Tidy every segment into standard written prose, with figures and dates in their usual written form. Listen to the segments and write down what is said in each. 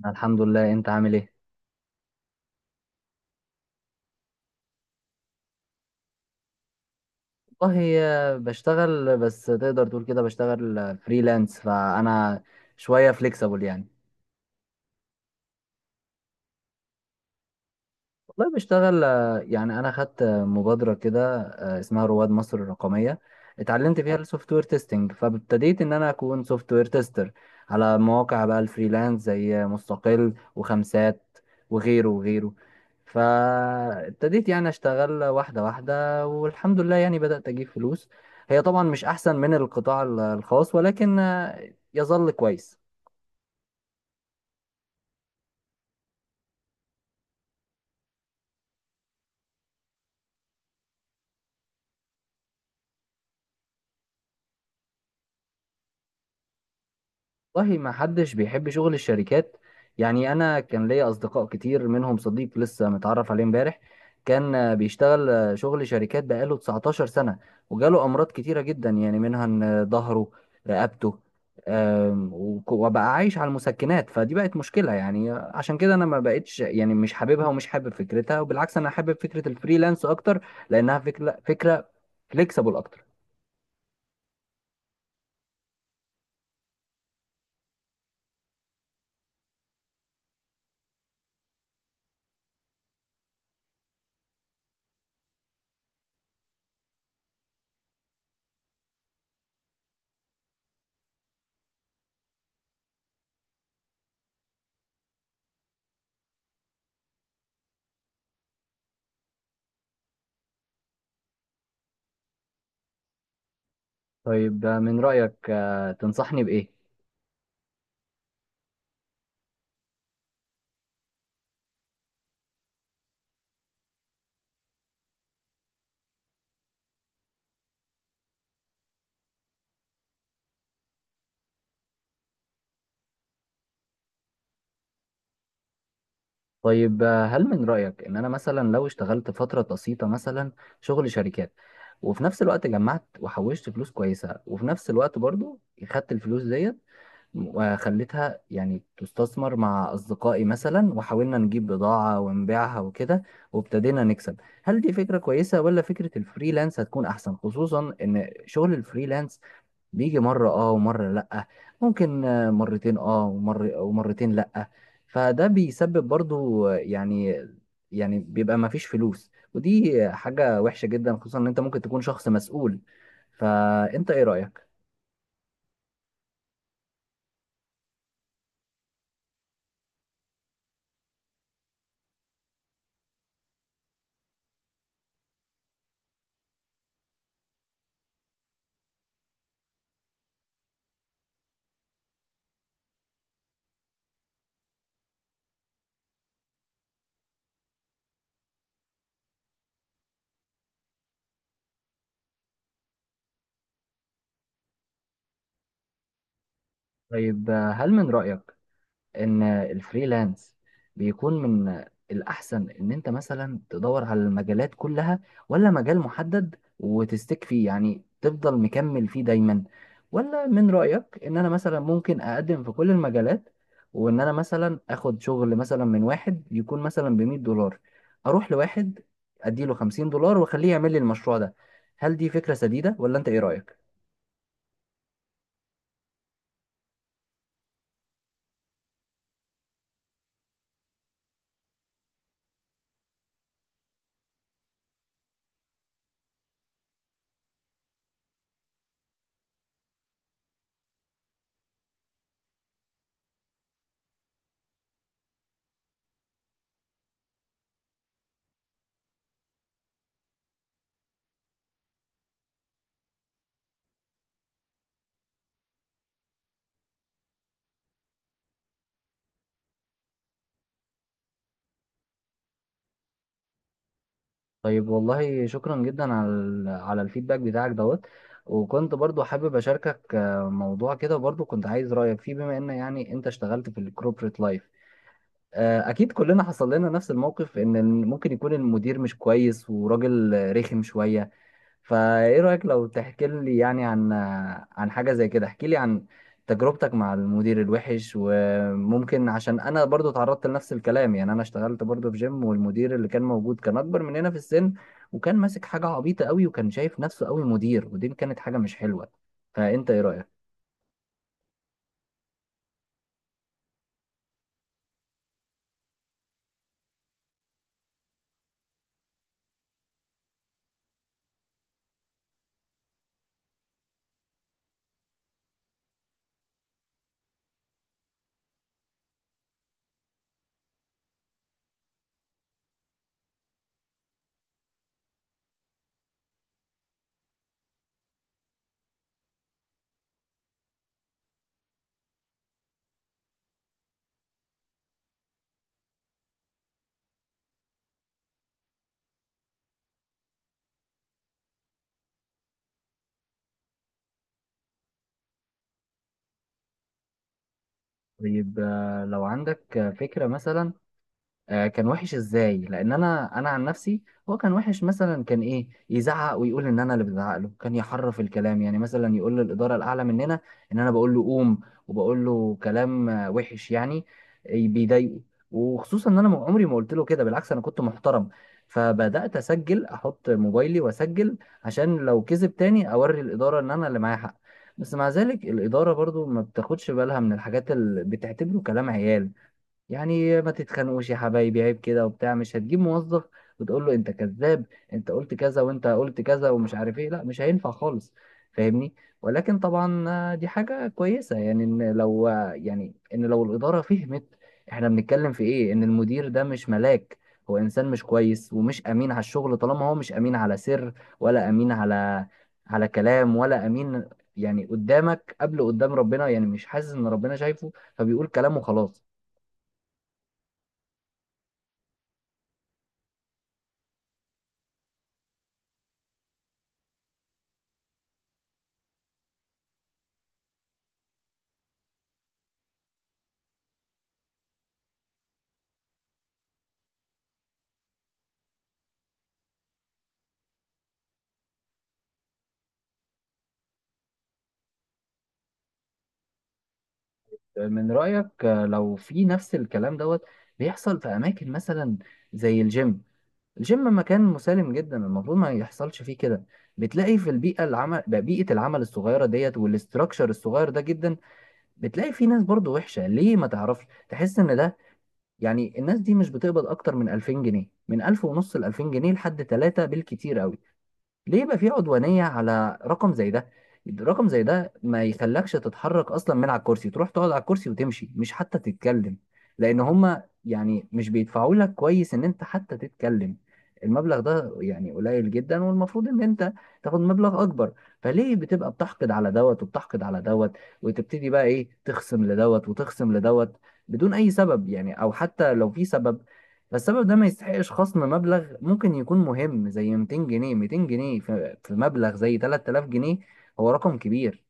أنا الحمد لله، انت عامل ايه؟ والله بشتغل، بس تقدر تقول كده بشتغل فريلانس، فانا شويه فليكسبل يعني. والله بشتغل، يعني انا خدت مبادره كده، اسمها رواد مصر الرقميه. اتعلمت فيها السوفت وير تيستنج، فابتديت ان انا اكون سوفت وير تيستر على مواقع بقى الفريلانس زي مستقل وخمسات وغيره وغيره. فابتديت يعني اشتغل واحده واحده، والحمد لله يعني بدات اجيب فلوس. هي طبعا مش احسن من القطاع الخاص، ولكن يظل كويس. والله ما حدش بيحب شغل الشركات. يعني انا كان ليا اصدقاء كتير، منهم صديق لسه متعرف عليه امبارح كان بيشتغل شغل شركات بقاله 19 سنة، وجاله امراض كتيرة جدا، يعني منها ان ظهره، رقبته، وبقى عايش على المسكنات. فدي بقت مشكلة، يعني عشان كده انا ما بقتش، يعني مش حاببها ومش حابب فكرتها، وبالعكس انا حابب فكرة الفريلانس اكتر، لانها فكرة فليكسبل اكتر. طيب من رأيك تنصحني بإيه؟ طيب هل من رأيك إن أنا مثلا لو اشتغلت فترة بسيطة، مثلا شغل شركات، وفي نفس الوقت جمعت وحوشت فلوس كويسة، وفي نفس الوقت برضو خدت الفلوس ديت وخليتها يعني تستثمر مع أصدقائي مثلا، وحاولنا نجيب بضاعة ونبيعها وكده، وابتدينا نكسب، هل دي فكرة كويسة، ولا فكرة الفريلانس هتكون أحسن؟ خصوصا إن شغل الفريلانس بيجي مرة اه ومرة لأ، ممكن مرتين اه ومرتين لأ، فده بيسبب برضو يعني، يعني بيبقى ما فيش فلوس، ودي حاجة وحشة جدا خصوصا ان انت ممكن تكون شخص مسؤول. فانت ايه رأيك؟ طيب هل من رأيك ان الفريلانس بيكون من الاحسن ان انت مثلا تدور على المجالات كلها، ولا مجال محدد وتستك فيه، يعني تفضل مكمل فيه دايما؟ ولا من رأيك ان انا مثلا ممكن اقدم في كل المجالات، وان انا مثلا اخد شغل مثلا من واحد يكون مثلا ب $100، اروح لواحد اديله $50 واخليه يعمل لي المشروع ده، هل دي فكرة سديدة ولا انت ايه رأيك؟ طيب والله شكرا جدا على على الفيدباك بتاعك دوت. وكنت برضو حابب اشاركك موضوع كده، برضو كنت عايز رايك فيه، بما ان يعني انت اشتغلت في الكوربريت لايف. اكيد كلنا حصل لنا نفس الموقف، ان ممكن يكون المدير مش كويس، وراجل رخم شويه. فايه رأيك لو تحكي لي، يعني عن حاجة زي كده، احكي لي عن تجربتك مع المدير الوحش. وممكن عشان انا برضو اتعرضت لنفس الكلام، يعني انا اشتغلت برضو في جيم، والمدير اللي كان موجود كان اكبر مننا في السن، وكان ماسك حاجة عبيطة قوي، وكان شايف نفسه قوي مدير، ودي كانت حاجة مش حلوة. فانت ايه رأيك؟ طيب لو عندك فكرة مثلا، كان وحش ازاي؟ لان انا عن نفسي، هو كان وحش، مثلا كان ايه، يزعق ويقول ان انا اللي بزعق له، كان يحرف الكلام، يعني مثلا يقول للاداره الاعلى مننا ان انا بقول له قوم، وبقول له كلام وحش يعني، بيضايقه. وخصوصا ان انا عمري ما قلت له كده، بالعكس انا كنت محترم. فبدات اسجل، احط موبايلي واسجل، عشان لو كذب تاني اوري الاداره ان انا اللي معايا حق. بس مع ذلك الاداره برضو ما بتاخدش بالها من الحاجات، اللي بتعتبره كلام عيال، يعني ما تتخانقوش يا حبايبي، عيب كده وبتاع، مش هتجيب موظف وتقول له انت كذاب، انت قلت كذا وانت قلت كذا ومش عارف ايه، لا مش هينفع خالص. فاهمني؟ ولكن طبعا دي حاجة كويسة، يعني ان لو يعني ان لو الإدارة فهمت احنا بنتكلم في ايه، ان المدير ده مش ملاك، هو انسان مش كويس ومش امين على الشغل. طالما هو مش امين على سر، ولا امين على على كلام، ولا امين، يعني قدامك قبل قدام ربنا، يعني مش حاسس ان ربنا شايفه، فبيقول كلامه خلاص. من رأيك لو في نفس الكلام دوت بيحصل في أماكن مثلا زي الجيم؟ الجيم مكان مسالم جدا، المفروض ما يحصلش فيه كده. بتلاقي في البيئة العمل، بقى بيئة العمل الصغيرة ديت والاستراكشر الصغير ده جدا، بتلاقي في ناس برضو وحشة. ليه؟ ما تعرفش تحس إن ده، يعني الناس دي مش بتقبض أكتر من 2000 جنيه، من 1000 ونص ل 2000 جنيه، لحد 3 بالكتير أوي. ليه يبقى في عدوانية على رقم زي ده؟ رقم زي ده ما يخلكش تتحرك اصلا من على الكرسي، تروح تقعد على الكرسي وتمشي، مش حتى تتكلم، لان هما يعني مش بيدفعوا لك كويس ان انت حتى تتكلم. المبلغ ده يعني قليل جدا، والمفروض ان انت تاخد مبلغ اكبر. فليه بتبقى بتحقد على دوت وبتحقد على دوت، وتبتدي بقى ايه تخصم لدوت وتخصم لدوت، بدون اي سبب؟ يعني او حتى لو في سبب، فالسبب ده ما يستحقش خصم مبلغ ممكن يكون مهم زي 200 جنيه. 200 جنيه في مبلغ زي 3000 جنيه هو رقم كبير.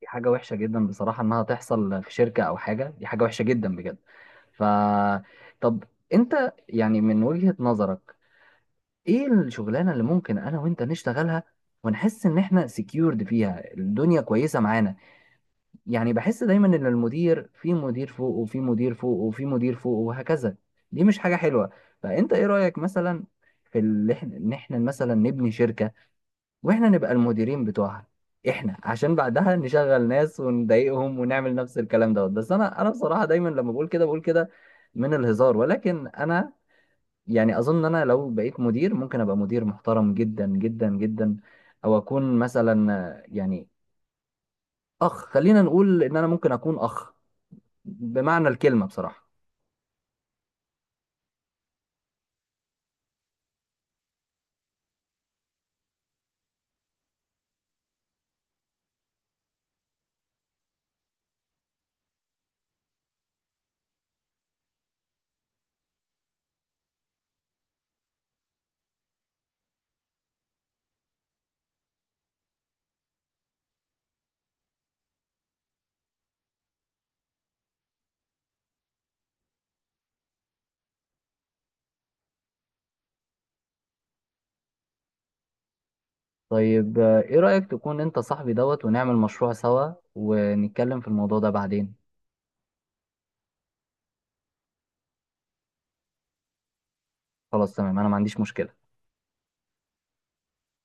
دي حاجة وحشة جدا بصراحة إنها تحصل في شركة أو حاجة، دي حاجة وحشة جدا بجد. ف طب أنت يعني من وجهة نظرك، إيه الشغلانة اللي ممكن أنا وأنت نشتغلها، ونحس إن إحنا سكيورد فيها، الدنيا كويسة معانا؟ يعني بحس دايما ان المدير في مدير فوق وفي مدير فوق وفي مدير فوق وهكذا، دي مش حاجة حلوة. فانت ايه رأيك مثلا في ان احنا مثلا نبني شركة، واحنا نبقى المديرين بتوعها احنا، عشان بعدها نشغل ناس ونضايقهم ونعمل نفس الكلام دوت؟ بس انا بصراحة دايما لما بقول كده بقول كده من الهزار، ولكن انا يعني اظن ان انا لو بقيت مدير ممكن ابقى مدير محترم جدا جدا جدا. او اكون مثلا يعني اخ، خلينا نقول ان انا ممكن اكون اخ بمعنى الكلمة بصراحة. طيب ايه رأيك تكون انت صاحبي دوت ونعمل مشروع سوا، ونتكلم في الموضوع ده بعدين؟ خلاص تمام، انا ما عنديش مشكلة.